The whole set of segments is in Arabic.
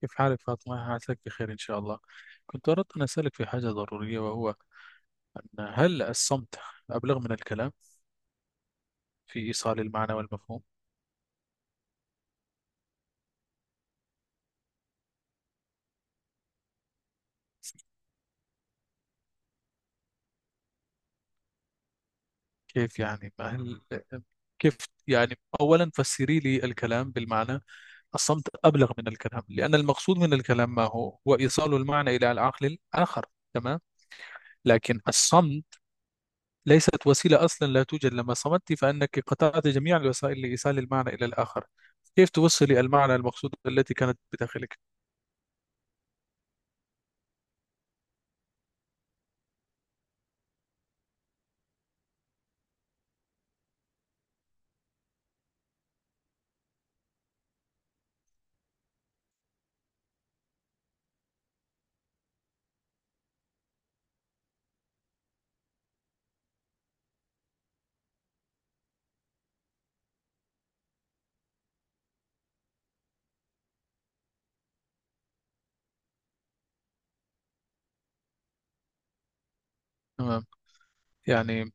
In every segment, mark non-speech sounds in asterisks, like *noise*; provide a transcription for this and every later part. كيف حالك فاطمة؟ عساك بخير إن شاء الله. كنت أردت أن أسألك في حاجة ضرورية، وهو أن هل الصمت أبلغ من الكلام في إيصال المعنى والمفهوم؟ كيف يعني؟ ما هل كيف يعني أولا فسري لي الكلام بالمعنى. الصمت أبلغ من الكلام، لأن المقصود من الكلام ما هو؟ هو إيصال المعنى إلى العقل الآخر، تمام؟ لكن الصمت ليست وسيلة، أصلا لا توجد. لما صمت فأنك قطعت جميع الوسائل لإيصال المعنى إلى الآخر. كيف توصلي المعنى المقصود التي كانت بداخلك؟ تمام، يعني.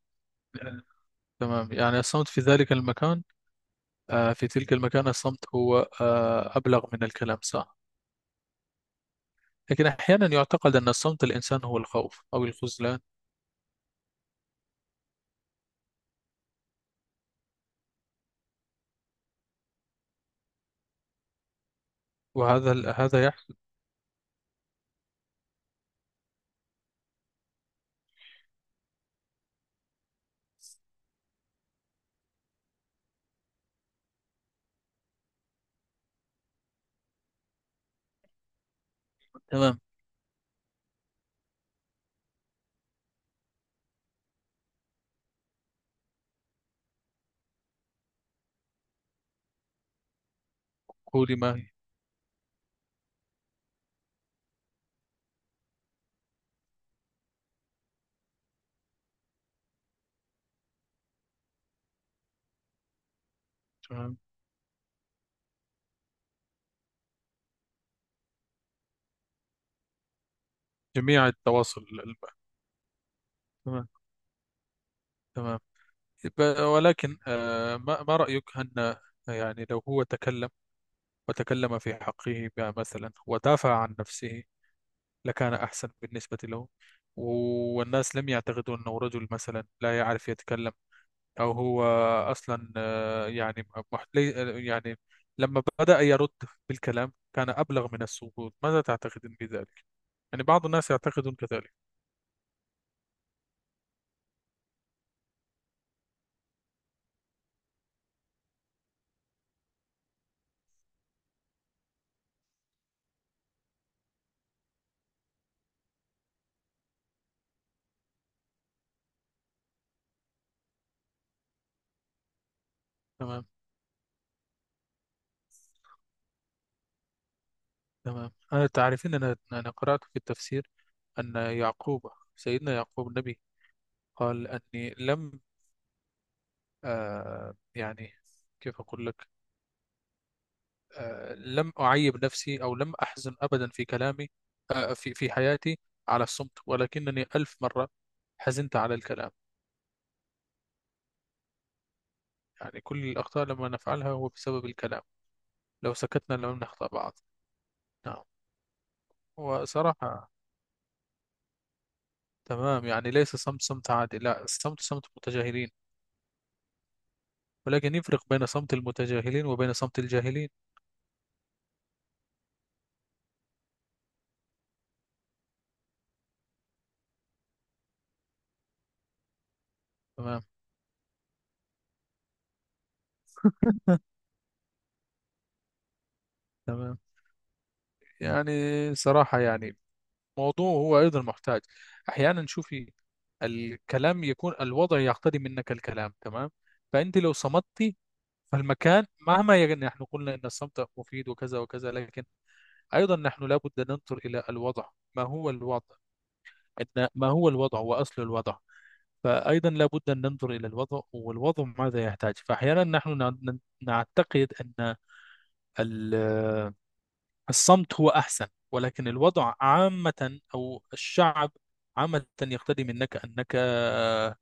تمام، يعني الصمت في ذلك المكان، في تلك المكان الصمت هو، أبلغ من الكلام، صح. لكن أحيانا يعتقد أن الصمت الإنسان هو الخوف أو الخذلان. وهذا يحصل. تمام. قولي، ما هي. تمام. جميع التواصل الم-. تمام. تمام. ب- ولكن ما رأيك أن، يعني لو هو تكلم وتكلم في حقه مثلا ودافع عن نفسه، لكان أحسن بالنسبة له، والناس لم يعتقدوا أنه رجل مثلا لا يعرف يتكلم. أو هو أصلا يعني، مح- لي- يعني لما بدأ يرد بالكلام كان أبلغ من السكوت. ماذا تعتقدين بذلك؟ يعني بعض الناس يعتقدون كذلك. تمام. تمام. أنا تعرفين، أنا قرأت في التفسير أن يعقوب، سيدنا يعقوب النبي، قال أني لم، يعني كيف أقول لك، لم أعيب نفسي أو لم أحزن أبدا في كلامي، في حياتي، على الصمت، ولكنني ألف مرة حزنت على الكلام. يعني كل الأخطاء لما نفعلها هو بسبب الكلام، لو سكتنا لم نخطأ بعض. نعم. وصراحة. تمام، يعني ليس صمت، صمت عادي لا، الصمت صمت متجاهلين. ولكن يفرق بين صمت المتجاهلين وبين صمت الجاهلين. تمام. تمام. يعني صراحة يعني موضوع هو أيضا محتاج. أحيانا شوفي، الكلام يكون الوضع يقتضي منك الكلام، تمام؟ فأنت لو صمتي، فالمكان مهما، يعني نحن قلنا أن الصمت مفيد وكذا وكذا، لكن أيضا نحن لابد أن ننظر إلى الوضع. ما هو الوضع؟ إن ما هو الوضع وأصل الوضع؟ فأيضا لابد أن ننظر إلى الوضع والوضع ماذا يحتاج. فأحيانا نحن نع- نعتقد أن ال- الصمت هو أحسن، ولكن الوضع عامة أو الشعب عامة يقتدي منك أنك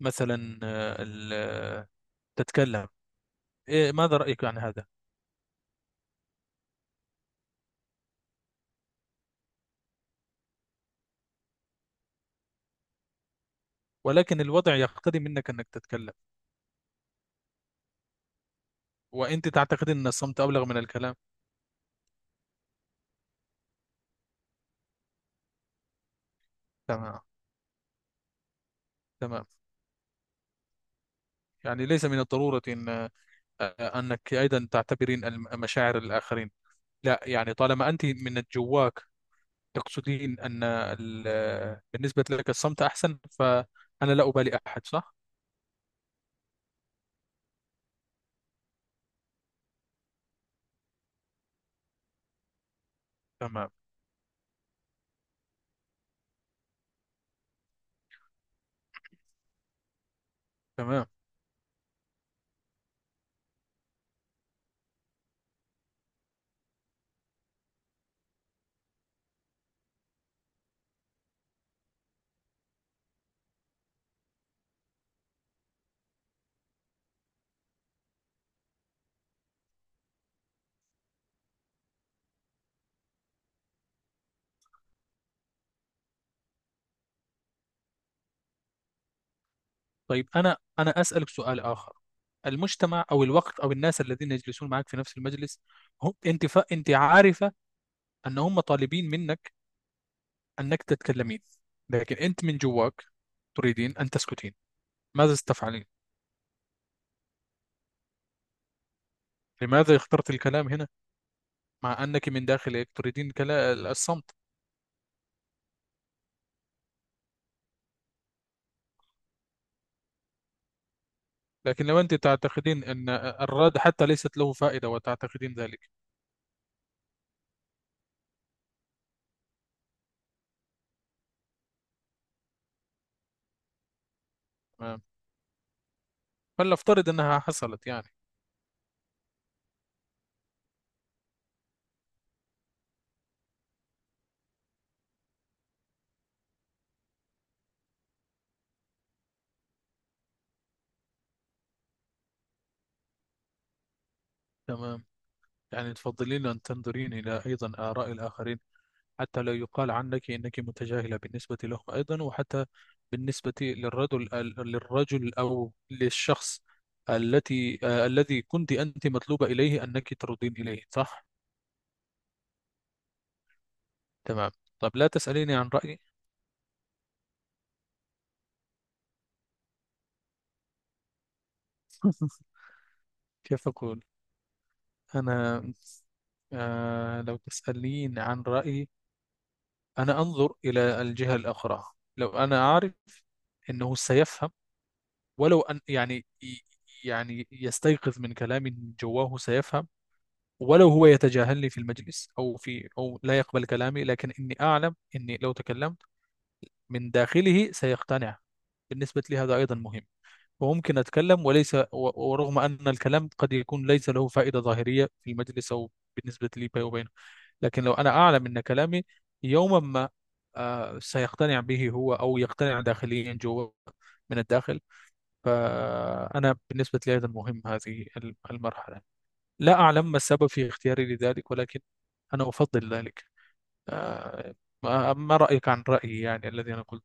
مثلا ال- تتكلم. إيه، ماذا رأيك عن هذا؟ ولكن الوضع يقتضي منك أنك تتكلم، وأنت تعتقد أن الصمت أبلغ من الكلام. تمام. تمام. يعني ليس من الضرورة أن، أنك أيضا تعتبرين الم- مشاعر الآخرين؟ لا يعني طالما أنت من جواك تقصدين أن ال-، بالنسبة لك الصمت أحسن، فأنا لا أبالي أحد، صح؟ تمام. تمام. طيب، أنا أسألك سؤال آخر. المجتمع أو الوقت أو الناس الذين يجلسون معك في نفس المجلس، هم أنت ف... أنت عارفة أن هم طالبين منك أنك تتكلمين، لكن أنت من جواك تريدين أن تسكتين، ماذا ستفعلين؟ لماذا اخترت الكلام هنا، مع أنك من داخلك تريدين كلا... الصمت؟ لكن لو أنت تعتقدين أن الرد حتى ليست له فائدة، وتعتقدين ذلك. تمام. فلنفترض أنها حصلت يعني. تمام. يعني تفضلين أن تنظرين إلى أيضا آراء الآخرين، حتى لا يقال عنك إنك متجاهلة بالنسبة لهم أيضا، وحتى بالنسبة للرجل، للرجل أو للشخص التي، الذي كنت أنت مطلوبة إليه أنك تردين إليه، صح؟ تمام. طب لا تسأليني عن رأيي. *laughs* كيف أقول؟ أنا، لو تسألين عن رأيي، أنا أنظر إلى الجهة الأخرى. لو أنا أعرف أنه سيفهم، ولو أن يعني، يعني يستيقظ من كلامي، جواه سيفهم. ولو هو يتجاهلني في المجلس أو في، أو لا يقبل كلامي، لكن إني أعلم إني لو تكلمت من داخله سيقتنع. بالنسبة لي هذا أيضا مهم. وممكن أتكلم، وليس و-، ورغم أن الكلام قد يكون ليس له فائدة ظاهرية في المجلس، أو بالنسبة لي بيني وبينه، لكن لو أنا أعلم أن كلامي يوما ما، سيقتنع به هو، أو يقتنع داخليا جوا من الداخل، فأنا بالنسبة لي أيضا مهم هذه المرحلة. لا أعلم ما السبب في اختياري لذلك، ولكن أنا أفضل ذلك. آه، ما رأيك عن رأيي، يعني الذي أنا قلت؟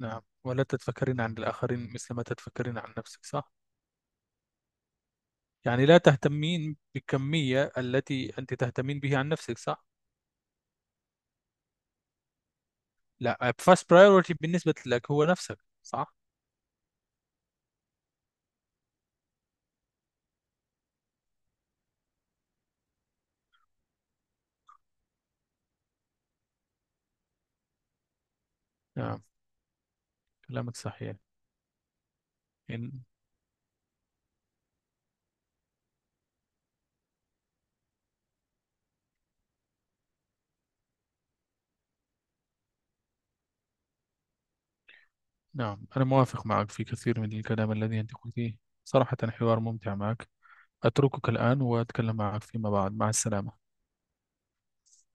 نعم، ولا تتفكرين عن الآخرين مثل ما تتفكرين عن نفسك، صح؟ يعني لا تهتمين بالكمية التي أنت تهتمين بها عن نفسك، صح؟ لا، first priority بالنسبة لك هو نفسك، صح؟ نعم، كلامك صحيح. إن... نعم، أنا موافق معك في كثير من الكلام الذي أنت قلتيه. صراحة حوار ممتع معك. أتركك الآن وأتكلم معك فيما بعد. مع السلامة.